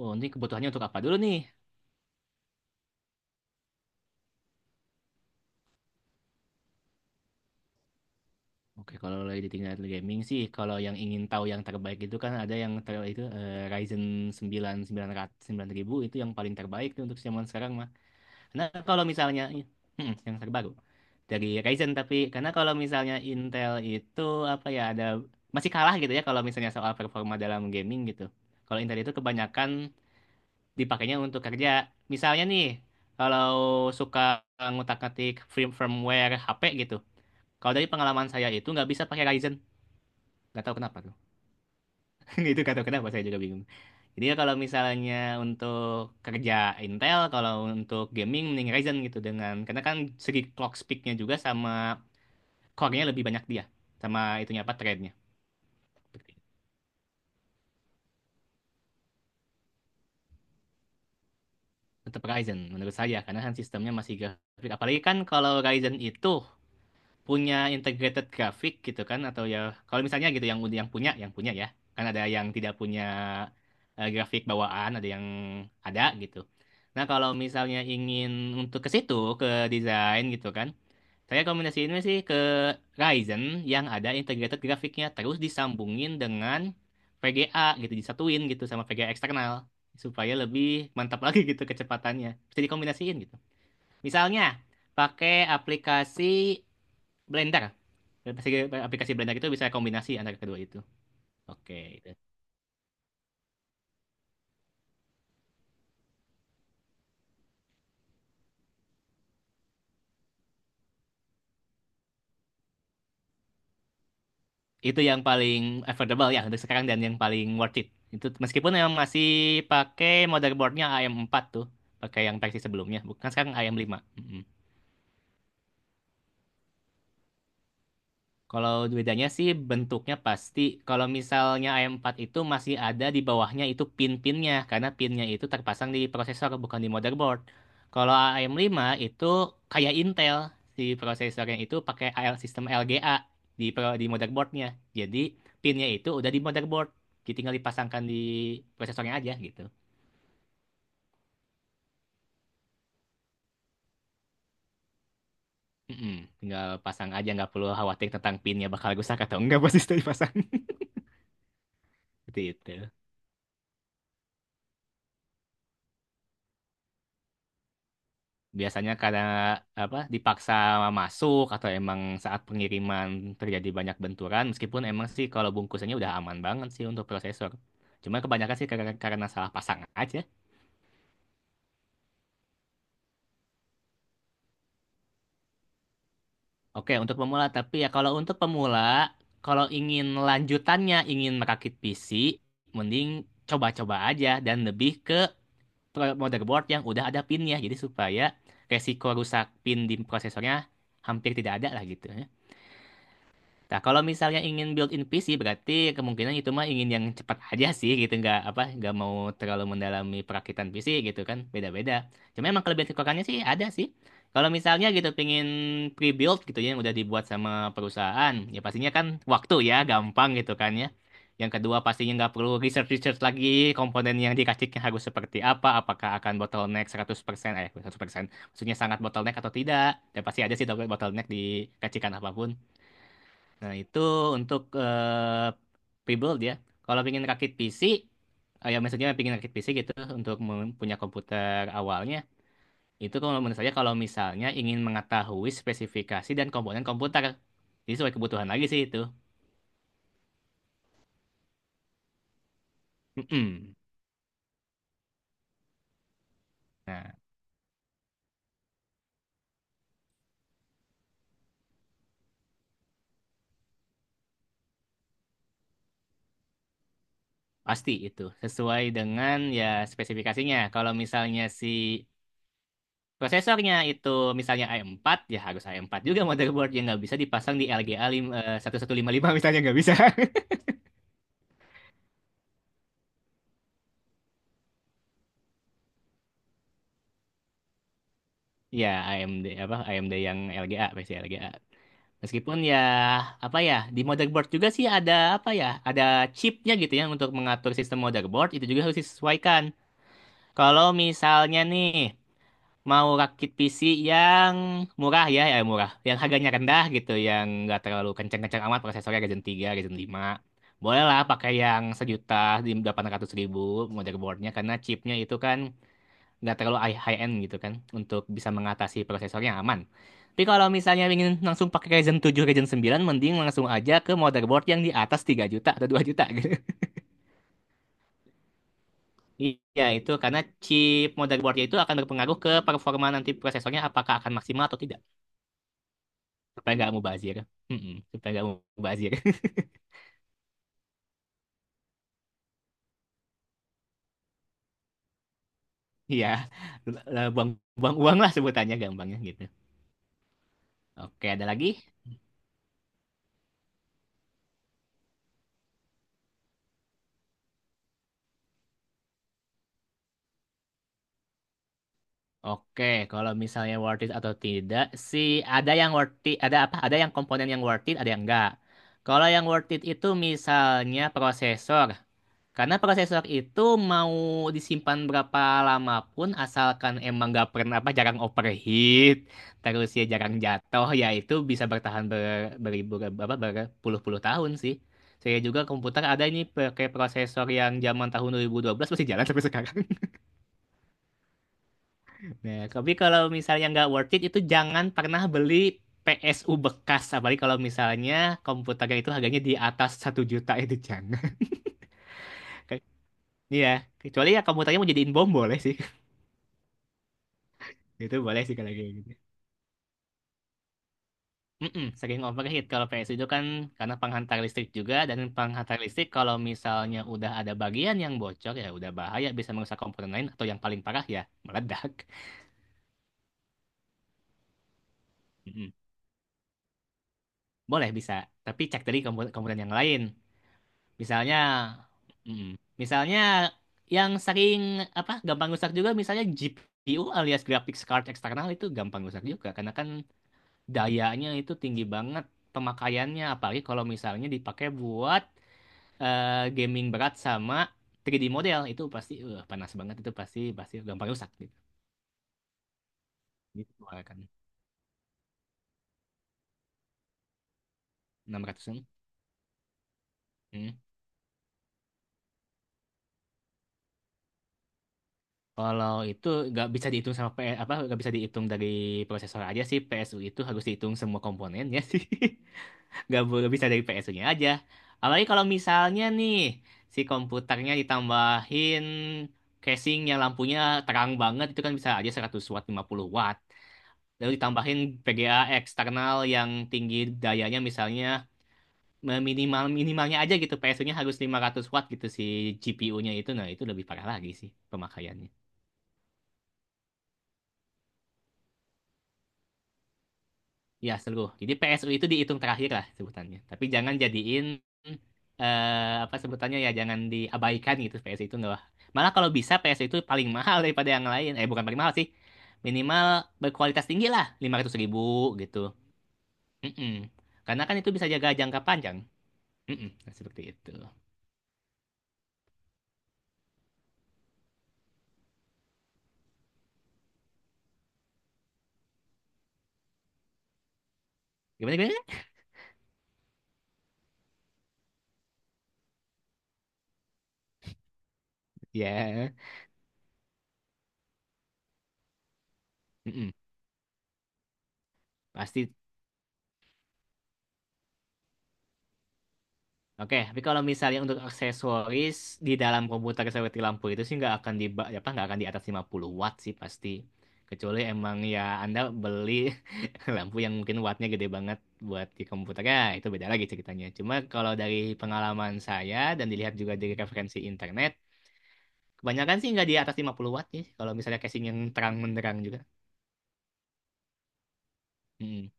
Oh, ini kebutuhannya untuk apa dulu nih? Oke, kalau lagi di tingkat gaming sih, kalau yang ingin tahu yang terbaik itu kan ada yang ter itu eh, Ryzen sembilan sembilan ratus sembilan ribu itu yang paling terbaik tuh untuk zaman sekarang mah. Nah, kalau misalnya yang terbaru dari Ryzen, tapi karena kalau misalnya Intel itu apa ya ada masih kalah gitu ya kalau misalnya soal performa dalam gaming gitu. Kalau Intel itu kebanyakan dipakainya untuk kerja. Misalnya nih, kalau suka ngutak-ngatik firmware HP gitu. Kalau dari pengalaman saya itu nggak bisa pakai Ryzen. Nggak tahu kenapa tuh. Itu nggak tahu kenapa saya juga bingung. Jadi ya kalau misalnya untuk kerja Intel, kalau untuk gaming mending Ryzen gitu dengan karena kan segi clock speed-nya juga sama core-nya lebih banyak dia, sama itunya apa thread-nya. Tetap Ryzen menurut saya karena kan sistemnya masih grafik. Apalagi kan kalau Ryzen itu punya integrated grafik gitu kan, atau ya kalau misalnya gitu yang punya ya, kan ada yang tidak punya grafik bawaan, ada yang ada gitu. Nah kalau misalnya ingin untuk ke situ ke desain gitu kan, saya rekomendasiin sih ke Ryzen yang ada integrated grafiknya terus disambungin dengan VGA gitu, disatuin gitu sama VGA eksternal supaya lebih mantap lagi gitu kecepatannya. Bisa dikombinasiin gitu. Misalnya pakai aplikasi Blender, aplikasi aplikasi belanja itu bisa kombinasi antara kedua itu. Oke, itu. Itu yang paling affordable ya untuk sekarang dan yang paling worth it. Itu meskipun yang masih pakai motherboardnya AM4 tuh, pakai yang versi sebelumnya, bukan sekarang AM5. Kalau bedanya sih bentuknya pasti. Kalau misalnya AM4 itu masih ada di bawahnya itu pin-pinnya, karena pinnya itu terpasang di prosesor bukan di motherboard. Kalau AM5 itu kayak Intel, si prosesornya itu pakai AL sistem LGA di di motherboardnya. Jadi pinnya itu udah di motherboard, jadi tinggal dipasangkan di prosesornya aja gitu. Mm-mm. Tinggal pasang aja, nggak perlu khawatir tentang pinnya bakal rusak atau enggak pas itu dipasang. Seperti itu. Biasanya karena dipaksa masuk, atau emang saat pengiriman terjadi banyak benturan, meskipun emang sih kalau bungkusannya udah aman banget sih untuk prosesor. Cuma kebanyakan sih karena salah pasang aja. Oke, untuk pemula, tapi ya kalau untuk pemula kalau ingin lanjutannya ingin merakit PC, mending coba-coba aja dan lebih ke motherboard yang udah ada pinnya jadi, supaya resiko rusak pin di prosesornya hampir tidak ada lah gitu. Ya. Nah, kalau misalnya ingin built-in PC berarti kemungkinan itu mah ingin yang cepat aja sih gitu, nggak mau terlalu mendalami perakitan PC gitu kan, beda-beda. Cuma emang kelebihan kekurangannya sih ada sih. Kalau misalnya gitu pingin pre-built gitu ya yang udah dibuat sama perusahaan, ya pastinya kan waktu ya gampang gitu kan ya. Yang kedua pastinya nggak perlu research-research lagi komponen yang dikasihnya harus seperti apa, apakah akan bottleneck 100%, 100%, maksudnya sangat bottleneck atau tidak. Dan pasti ada sih bottleneck dikacikan apapun. Nah, itu untuk prebuild ya. Kalau pengen rakit PC, ya maksudnya pengen rakit PC gitu untuk mempunyai komputer awalnya, itu kalau menurut saya, kalau misalnya ingin mengetahui spesifikasi dan komponen komputer, jadi sesuai kebutuhan lagi sih itu. Mm-mm. Nah, pasti itu sesuai dengan ya spesifikasinya. Kalau misalnya si prosesornya itu misalnya i empat ya, harus i empat juga motherboard yang nggak bisa dipasang di LGA 1155 misalnya nggak bisa. Ya, AMD yang LGA versi LGA. Meskipun ya apa ya di motherboard juga sih ada apa ya ada chipnya gitu ya untuk mengatur sistem motherboard itu juga harus disesuaikan. Kalau misalnya nih mau rakit PC yang murah ya murah, yang harganya rendah gitu, yang nggak terlalu kencang-kencang amat prosesornya, Ryzen tiga Ryzen lima, bolehlah pakai yang 1.800.000 motherboardnya karena chipnya itu kan nggak terlalu high end gitu kan untuk bisa mengatasi prosesor yang aman. Tapi kalau misalnya ingin langsung pakai Ryzen tujuh, Ryzen sembilan, mending langsung aja ke motherboard yang di atas 3 juta atau 2 juta gitu. Iya, itu karena chip motherboardnya itu akan berpengaruh ke performa nanti prosesornya apakah akan maksimal atau tidak, supaya nggak mubazir. Mm-mm, supaya nggak mubazir. Iya, buang-buang uang lah sebutannya gampangnya gitu. Oke, ada lagi? Oke, kalau misalnya worth it atau tidak sih, ada yang worth it, ada apa? Ada yang komponen yang worth it, ada yang enggak. Kalau yang worth it itu misalnya prosesor. Karena prosesor itu mau disimpan berapa lama pun asalkan emang nggak pernah jarang overheat, terus ya jarang jatuh, ya itu bisa bertahan beribu berpuluh-puluh tahun sih. Saya juga komputer ada ini pakai prosesor yang zaman tahun 2012 masih jalan sampai sekarang. Nah, tapi kalau misalnya nggak worth it itu, jangan pernah beli PSU bekas. Apalagi kalau misalnya komputernya itu harganya di atas 1 juta itu jangan. Ke- Iya, kecuali ya komputernya mau jadiin bom boleh sih. Itu boleh sih kalau kayak gitu. Mm-mm, sering overheat kalau PSU itu kan karena penghantar listrik juga, dan penghantar listrik kalau misalnya udah ada bagian yang bocor ya udah bahaya, bisa merusak komponen lain atau yang paling parah ya meledak. Mm-mm. Boleh bisa, tapi cek dari komponen komponen yang lain. Misalnya, mm misalnya yang sering gampang rusak juga misalnya GPU alias graphics card eksternal itu gampang rusak juga karena kan dayanya itu tinggi banget pemakaiannya, apalagi kalau misalnya dipakai buat eh, gaming berat sama 3D model itu pasti panas banget itu pasti pasti gampang rusak gitu. Gitu kan 600-an an. Kalau itu nggak bisa dihitung sama PS apa nggak bisa dihitung dari prosesor aja sih, PSU itu harus dihitung semua komponennya sih, nggak boleh bisa dari PSU-nya aja. Apalagi kalau misalnya nih si komputernya ditambahin casing yang lampunya terang banget itu kan bisa aja 100 watt 50 watt. Lalu ditambahin VGA eksternal yang tinggi dayanya misalnya, minimalnya aja gitu, PSU-nya harus 500 watt gitu si GPU-nya itu, nah itu lebih parah lagi sih pemakaiannya. Ya, seluruh. Jadi PSU itu dihitung terakhir lah sebutannya. Tapi jangan jadiin eh, apa sebutannya ya jangan diabaikan gitu, PSU itu enggak. Malah kalau bisa PSU itu paling mahal daripada yang lain. Eh, bukan paling mahal sih. Minimal berkualitas tinggi lah, 500.000 gitu. Mm-mm. Karena kan itu bisa jaga jangka panjang. Mm-mm. Nah, seperti itu. Gimana gimana? Ya. Mm-mm. Pasti. Oke, tapi kalau misalnya untuk aksesoris di dalam komputer seperti lampu itu sih nggak akan di ba- apa nggak akan di atas 50 watt sih pasti. Kecuali emang ya Anda beli lampu yang mungkin wattnya gede banget buat di komputer ya itu beda lagi ceritanya. Cuma kalau dari pengalaman saya dan dilihat juga dari referensi internet, kebanyakan sih nggak di atas 50 watt sih. Kalau misalnya casing yang terang menderang juga. Mm-mm.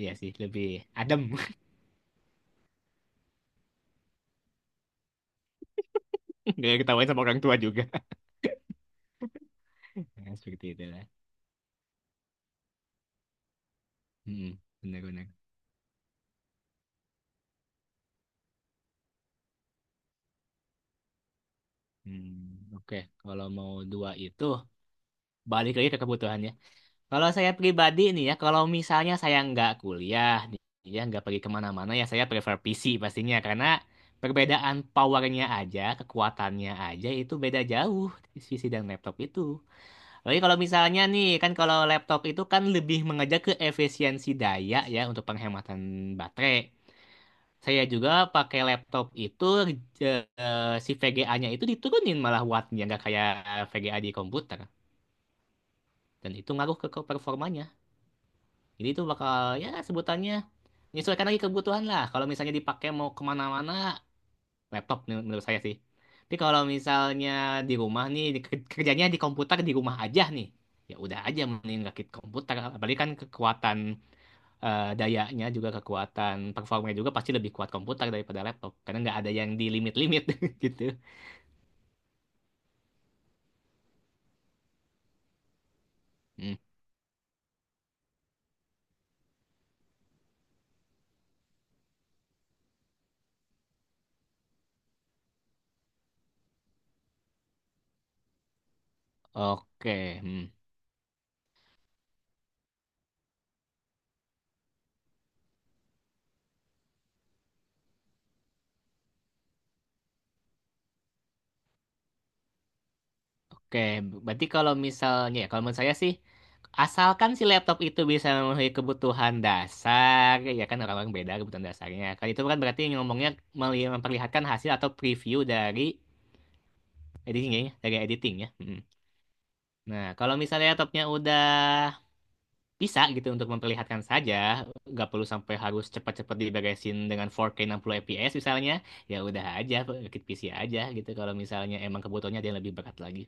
Iya sih, lebih adem. Gak ketawain sama orang tua juga. Ya, seperti itulah. Mm-mm. Benar-benar. Hmm, oke. Kalau mau dua itu, balik lagi ke kebutuhannya. Kalau saya pribadi nih ya, kalau misalnya saya nggak kuliah, ya nggak pergi kemana-mana ya, saya prefer PC pastinya. Karena perbedaan powernya aja, kekuatannya aja itu beda jauh di PC dan laptop itu. Lagi kalau misalnya nih, kan kalau laptop itu kan lebih mengejar ke efisiensi daya ya untuk penghematan baterai. Saya juga pakai laptop itu, eh, si VGA-nya itu diturunin malah wattnya, nggak kayak VGA di komputer, dan itu ngaruh ke performanya. Jadi itu bakal ya sebutannya menyesuaikan lagi kebutuhan lah. Kalau misalnya dipakai mau kemana-mana laptop menurut saya sih. Tapi kalau misalnya di rumah nih kerjanya di komputer di rumah aja nih, ya udah aja mending rakit komputer. Apalagi kan kekuatan dayanya juga kekuatan performanya juga pasti lebih kuat komputer daripada laptop karena nggak ada yang di limit-limit gitu. Hmm. Oke, hmm. Oke, berarti kalau misalnya ya, kalau menurut saya sih asalkan si laptop itu bisa memenuhi kebutuhan dasar, ya kan orang-orang beda kebutuhan dasarnya. Kalau itu kan berarti ngomongnya memperlihatkan hasil atau preview dari editingnya, ya, dari editingnya. Hmm. Nah, kalau misalnya laptopnya udah bisa gitu untuk memperlihatkan saja, nggak perlu sampai harus cepat-cepat diberesin dengan 4K 60 fps misalnya, ya udah aja rakit PC aja gitu kalau misalnya emang kebutuhannya dia lebih berat lagi,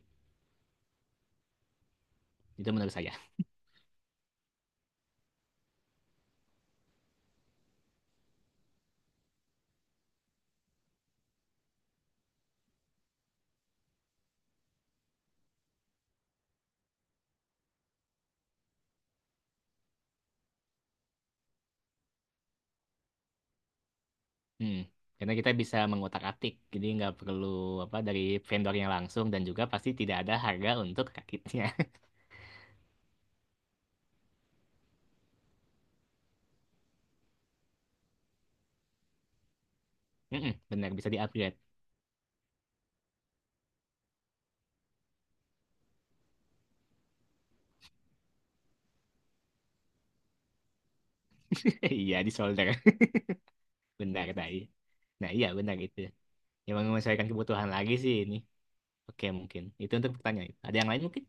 itu menurut saya. Hmm. Karena kita bisa mengotak-atik jadi nggak perlu dari vendornya langsung dan juga pasti tidak ada harga untuk rakitnya. Mm-mm, benar bisa di-upgrade. Iya di solder. Benar tadi, nah iya benar, itu yang menyesuaikan kebutuhan lagi sih ini. Oke mungkin itu untuk pertanyaan, ada yang lain mungkin?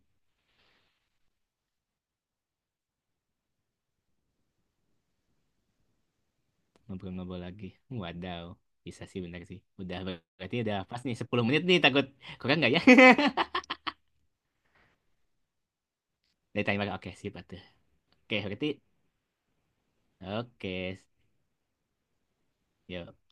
Ngobrol-ngobrol lagi. Wadaw. Bisa sih bener sih. Udah berarti udah pas nih 10 menit nih, takut kurang nggak ya? Dari timer. Oke, sip atuh. Oke, berarti oke. Yuk.